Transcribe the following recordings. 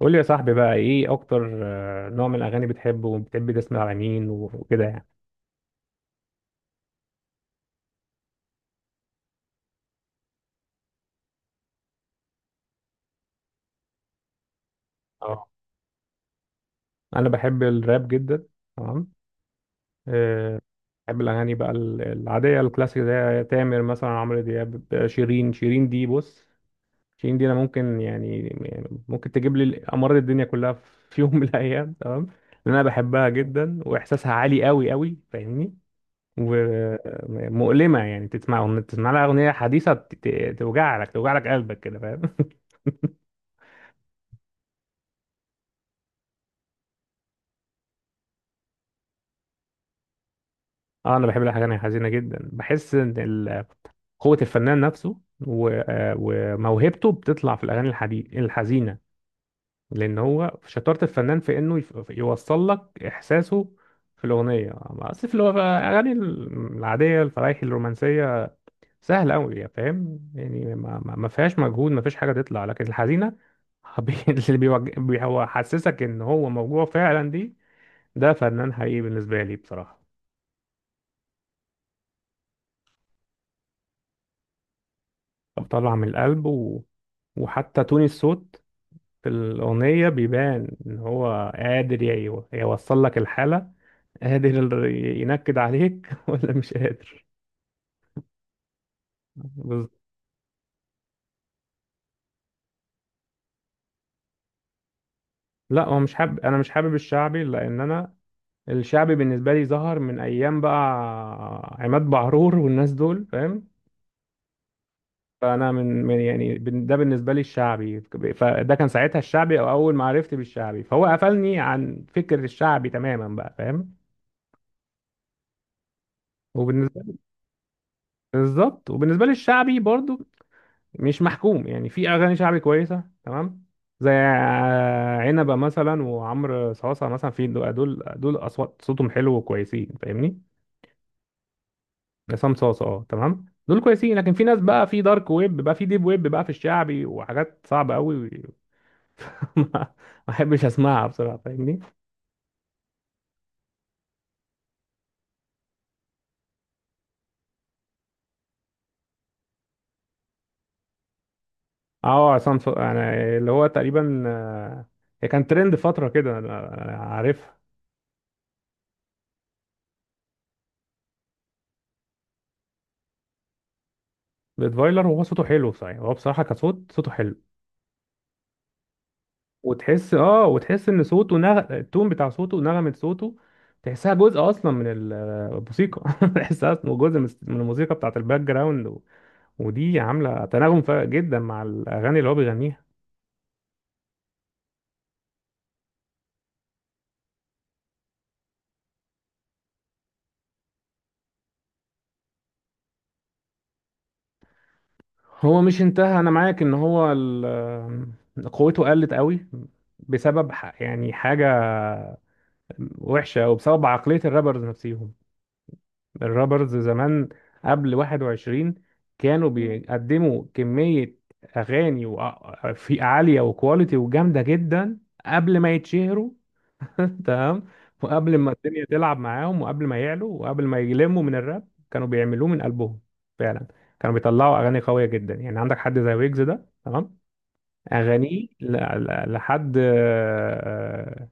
قول لي يا صاحبي بقى ايه اكتر، نوع من الاغاني بتحبه وبتحب تسمع على مين و- وكده يعني. اه، انا بحب الراب جدا. تمام. آه، بحب الاغاني بقى العاديه الكلاسيك، زي تامر مثلا، عمرو دياب، شيرين. شيرين دي بص، شيرين دي انا ممكن، يعني ممكن تجيب لي امراض الدنيا كلها في يوم من الايام، تمام. لان انا بحبها جدا واحساسها عالي قوي قوي، فاهمني؟ ومؤلمه. يعني تسمع لها اغنيه حديثه توجع لك، توجع لك قلبك كده، فاهم؟ اه، انا بحب الاغاني الحزينه جدا. بحس ان قوه الفنان نفسه وموهبته بتطلع في الاغاني الحزينه، لان هو شطاره الفنان في انه يوصل لك احساسه في الاغنيه. اصل في الاغاني العاديه الفرايحي الرومانسيه سهل قوي، يعني فاهم؟ يعني ما فيهاش مجهود، ما فيش حاجه تطلع، لكن الحزينه بي- اللي بيوج- بي- هو حسسك ان هو موجوع فعلا، دي ده فنان حقيقي بالنسبه لي بصراحه. بطلع من القلب وحتى تون الصوت في الأغنية بيبان إن هو قادر يوصل لك الحالة، قادر ينكد عليك ولا مش قادر. بز... لا، هو مش حابب، أنا مش حابب الشعبي، لأن أنا الشعبي بالنسبة لي ظهر من أيام بقى عماد بعرور والناس دول، فاهم؟ فأنا من, من يعني ده بالنسبة لي الشعبي. فده كان ساعتها الشعبي، أو أول ما عرفت بالشعبي فهو قفلني عن فكر الشعبي تماما بقى، فاهم؟ بالظبط. وبالنسبه للشعبي برضو مش محكوم، يعني في اغاني شعبي كويسه، تمام، زي عنبه مثلا وعمرو صاصه مثلا. في دول اصوات صوتهم حلو وكويسين، فاهمني؟ عصام صاصه، اه تمام، دول كويسين. لكن في ناس بقى في دارك ويب بقى، في ديب ويب بقى في الشعبي، وحاجات صعبه قوي ما احبش اسمعها بصراحه، فاهمني؟ اه عصام صاصه، يعني اللي هو تقريبا، هي كان ترند فتره كده، أنا عارفها. بيت فايلر، وهو صوته حلو صحيح. هو بصراحه كصوت، صوته حلو. وتحس، اه وتحس ان صوته التون بتاع صوته ونغمة صوته تحسها جزء اصلا من الموسيقى. تحسها أصلاً جزء من الموسيقى بتاعت الباك جراوند، ودي عاملة تناغم فارق جدا مع الاغاني اللي هو بيغنيها. هو مش انتهى، انا معاك ان هو قوته قلت قوي بسبب يعني حاجة وحشة، وبسبب عقلية الرابرز نفسهم. الرابرز زمان قبل 21 كانوا بيقدموا كمية أغاني في عالية وكواليتي وجامدة جدا قبل ما يتشهروا. تمام. وقبل ما الدنيا تلعب معاهم وقبل ما يعلوا وقبل ما يلموا من الراب، كانوا بيعملوه من قلبهم فعلا. كانوا بيطلعوا أغاني قوية جدا، يعني عندك حد زي ويجز ده، تمام. أغانيه لحد، آه، آه،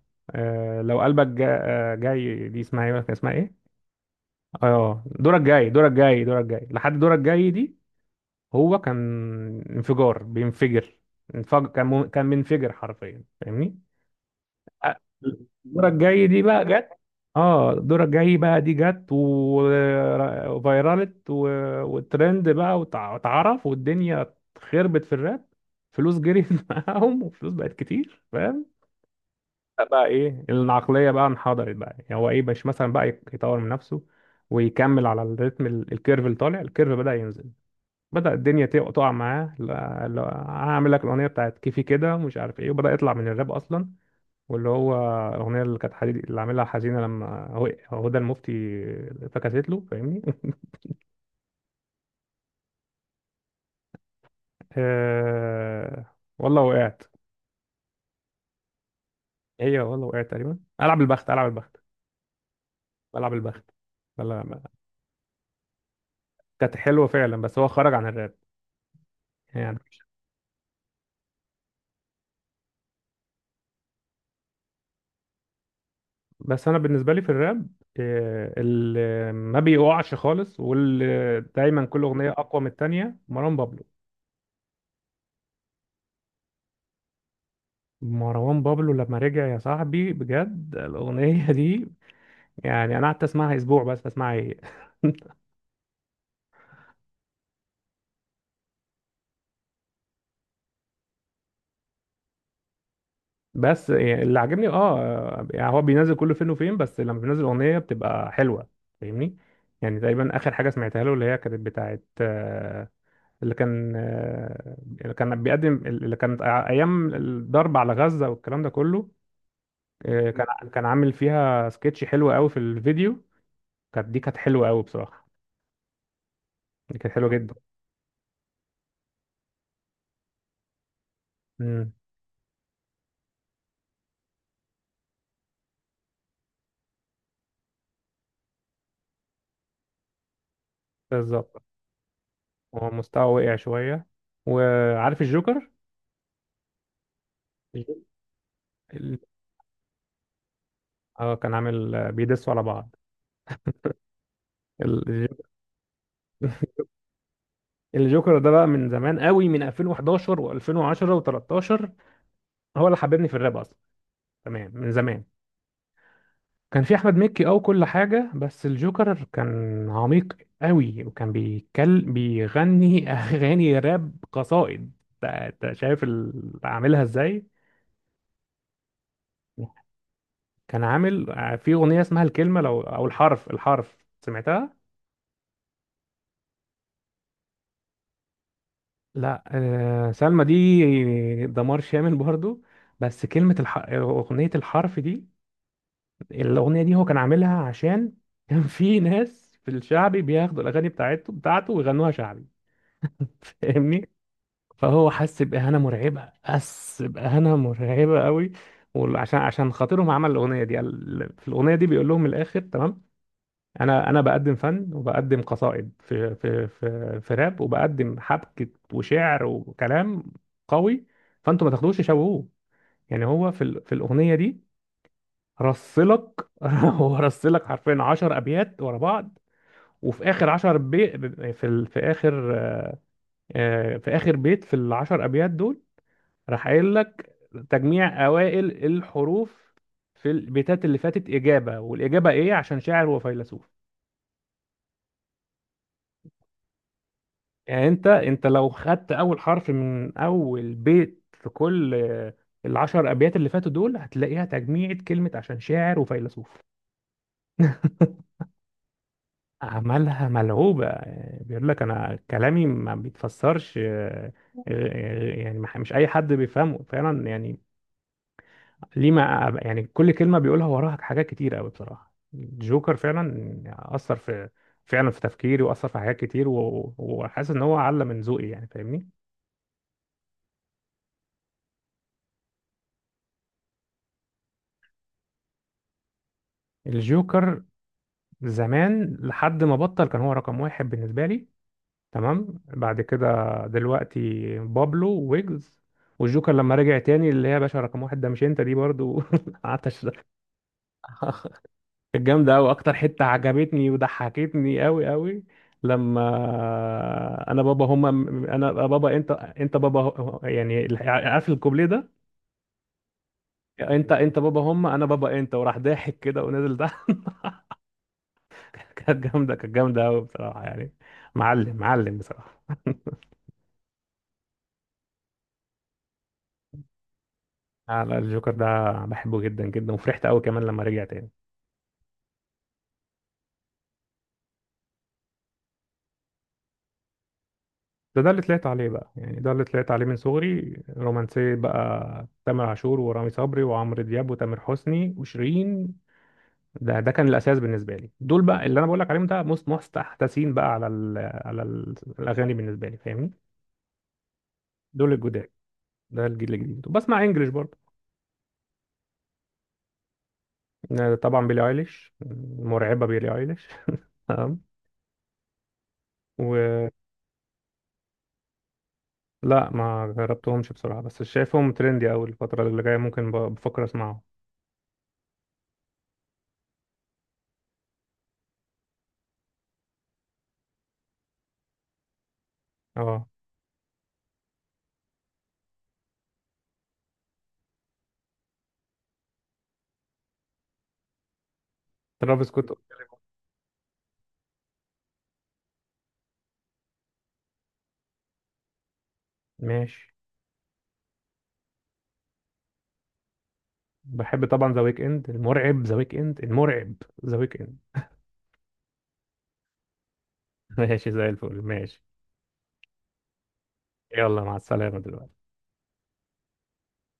آه، لو قلبك جاي، دي اسمها ايه، كان اسمها ايه؟ اه، دورك جاي، دورك جاي، دورك جاي، لحد دورك جاي دي. هو كان انفجار، بينفجر، انفجر. كان منفجر حرفيا، فاهمني؟ أ- دورك جاي دي بقى جت. اه، دورك جاي بقى دي جت و- وفيرالت، والترند بقى، واتعرف والدنيا خربت في الراب. فلوس جريت معاهم وفلوس بقت كتير، فاهم؟ بقى ايه، العقليه بقى انحدرت بقى، يعني هو ايه، مش مثلا بقى يطور من نفسه ويكمل على الريتم، الكيرف اللي طالع؟ الكيرف بدا ينزل، بدا الدنيا تقع معاه. لا لا، هعمل لك الاغنيه بتاعت كيفي كده ومش عارف ايه، وبدا يطلع من الراب اصلا. واللي هو الاغنيه اللي كانت حديد، اللي عاملها حزينه لما هدى المفتي فكست له، فاهمني؟ والله وقعت، هي والله وقعت تقريبا: العب البخت، العب البخت، العب البخت. لا لا، كانت حلوه فعلا بس هو خرج عن الراب يعني. بس انا بالنسبه لي في الراب، اللي ما بيقعش خالص واللي دايما كل اغنيه اقوى من التانية، مروان بابلو. مروان بابلو لما رجع يا صاحبي بجد، الاغنيه دي يعني انا قعدت اسمعها اسبوع، بس اسمعها هي. بس يعني اللي عاجبني، اه يعني هو بينزل كل فين وفين، بس لما بينزل اغنيه بتبقى حلوه، فاهمني؟ يعني تقريبا اخر حاجه سمعتها له، اللي هي كانت بتاعت اللي كان بيقدم، اللي كانت ايام الضرب على غزه والكلام ده كله، إيه، كان عامل فيها سكتش حلو قوي في الفيديو. كانت، دي كانت حلوه قوي بصراحه، دي كانت حلوه جدا. امم. بالظبط. هو مستواه وقع شويه، وعارف الجوكر، الج- ال- اه كان عامل، بيدسوا على بعض. ال- الج- الجوكر ده بقى من زمان قوي، من 2011 و2010 و13. هو اللي حببني في الراب اصلا. تمام، من زمان. كان في احمد مكي او كل حاجه، بس الجوكر كان عميق قوي، وكان بيتكلم بيغني اغاني راب قصائد. انت شايف عاملها ازاي؟ كان عامل، في اغنيه اسمها الكلمه، لو او الحرف، الحرف سمعتها؟ لا. سلمى دي دمار شامل برضو. بس اغنيه الحرف دي، الاغنيه دي هو كان عاملها عشان كان في ناس في الشعبي بياخدوا الاغاني بتاعته ويغنوها شعبي، فاهمني؟ فهو حس بإهانة مرعبة، حس بإهانة مرعبة قوي. وعشان خاطرهم عمل الأغنية دي، في الأغنية دي بيقول لهم من الآخر، تمام. أنا بقدم فن وبقدم قصائد في في راب، وبقدم حبكة وشعر وكلام قوي، فأنتوا ما تاخدوش تشوهوه يعني. هو في في الأغنية دي رصلك، هو رصلك حرفيا 10 أبيات ورا بعض. وفي آخر 10 في في آخر، في آخر بيت في ال 10 أبيات دول، راح قايل لك تجميع اوائل الحروف في البيتات اللي فاتت اجابه، والاجابه ايه؟ عشان شاعر وفيلسوف. يعني انت، لو خدت اول حرف من اول بيت في كل العشر ابيات اللي فاتوا دول، هتلاقيها تجميعة كلمه: عشان شاعر وفيلسوف. عملها ملعوبة. يعني بيقول لك أنا كلامي ما بيتفسرش، يعني مش أي حد بيفهمه فعلا. يعني ليه، ما يعني كل كلمة بيقولها وراها حاجات كتير قوي، بصراحة جوكر فعلا أثر في، فعلا في تفكيري، وأثر في حاجات كتير، وحاسس إن هو علم من ذوقي، يعني فاهمني؟ الجوكر زمان لحد ما بطل كان هو رقم واحد بالنسبة لي. تمام. بعد كده دلوقتي بابلو، ويجز، والجوكر لما رجع تاني، اللي هي يا باشا رقم واحد ده مش انت، دي برضو قعدت كانت جامدة أوي. أكتر حتة عجبتني وضحكتني أوي أوي لما أنا بابا هما، أنا بابا أنت، أنت بابا يعني عارف الكوبليه ده؟ أنت أنت بابا هما أنا بابا أنت، وراح ضاحك كده ونزل تحت. كانت جامدة، كانت جامدة أوي بصراحة يعني، معلم معلم بصراحة. على الجوكر ده بحبه جدا جدا، وفرحت أوي كمان لما رجع تاني. ده اللي طلعت عليه بقى، يعني ده اللي طلعت عليه من صغري رومانسية بقى: تامر عاشور ورامي صبري وعمرو دياب وتامر حسني وشيرين. ده كان الاساس بالنسبه لي. دول بقى اللي انا بقول لك عليهم، ده مستحدثين بقى على ال على ال الاغاني بالنسبه لي، فاهمني؟ دول الجداد، ده الجيل الجديد. وبسمع انجلش برضه. طبعا بيلي ايليش، مرعبه بيلي ايليش. تمام. ولا. ما جربتهمش بصراحه بس شايفهم ترندي قوي، الفتره اللي جايه ممكن بفكر اسمعهم. اه. ترافيس سكوت. ماشي. بحب طبعا ذا ويك اند، المرعب ذا ويك اند، المرعب ذا ويك اند. ماشي زي الفل، ماشي. يلا مع السلامه دلوقتي.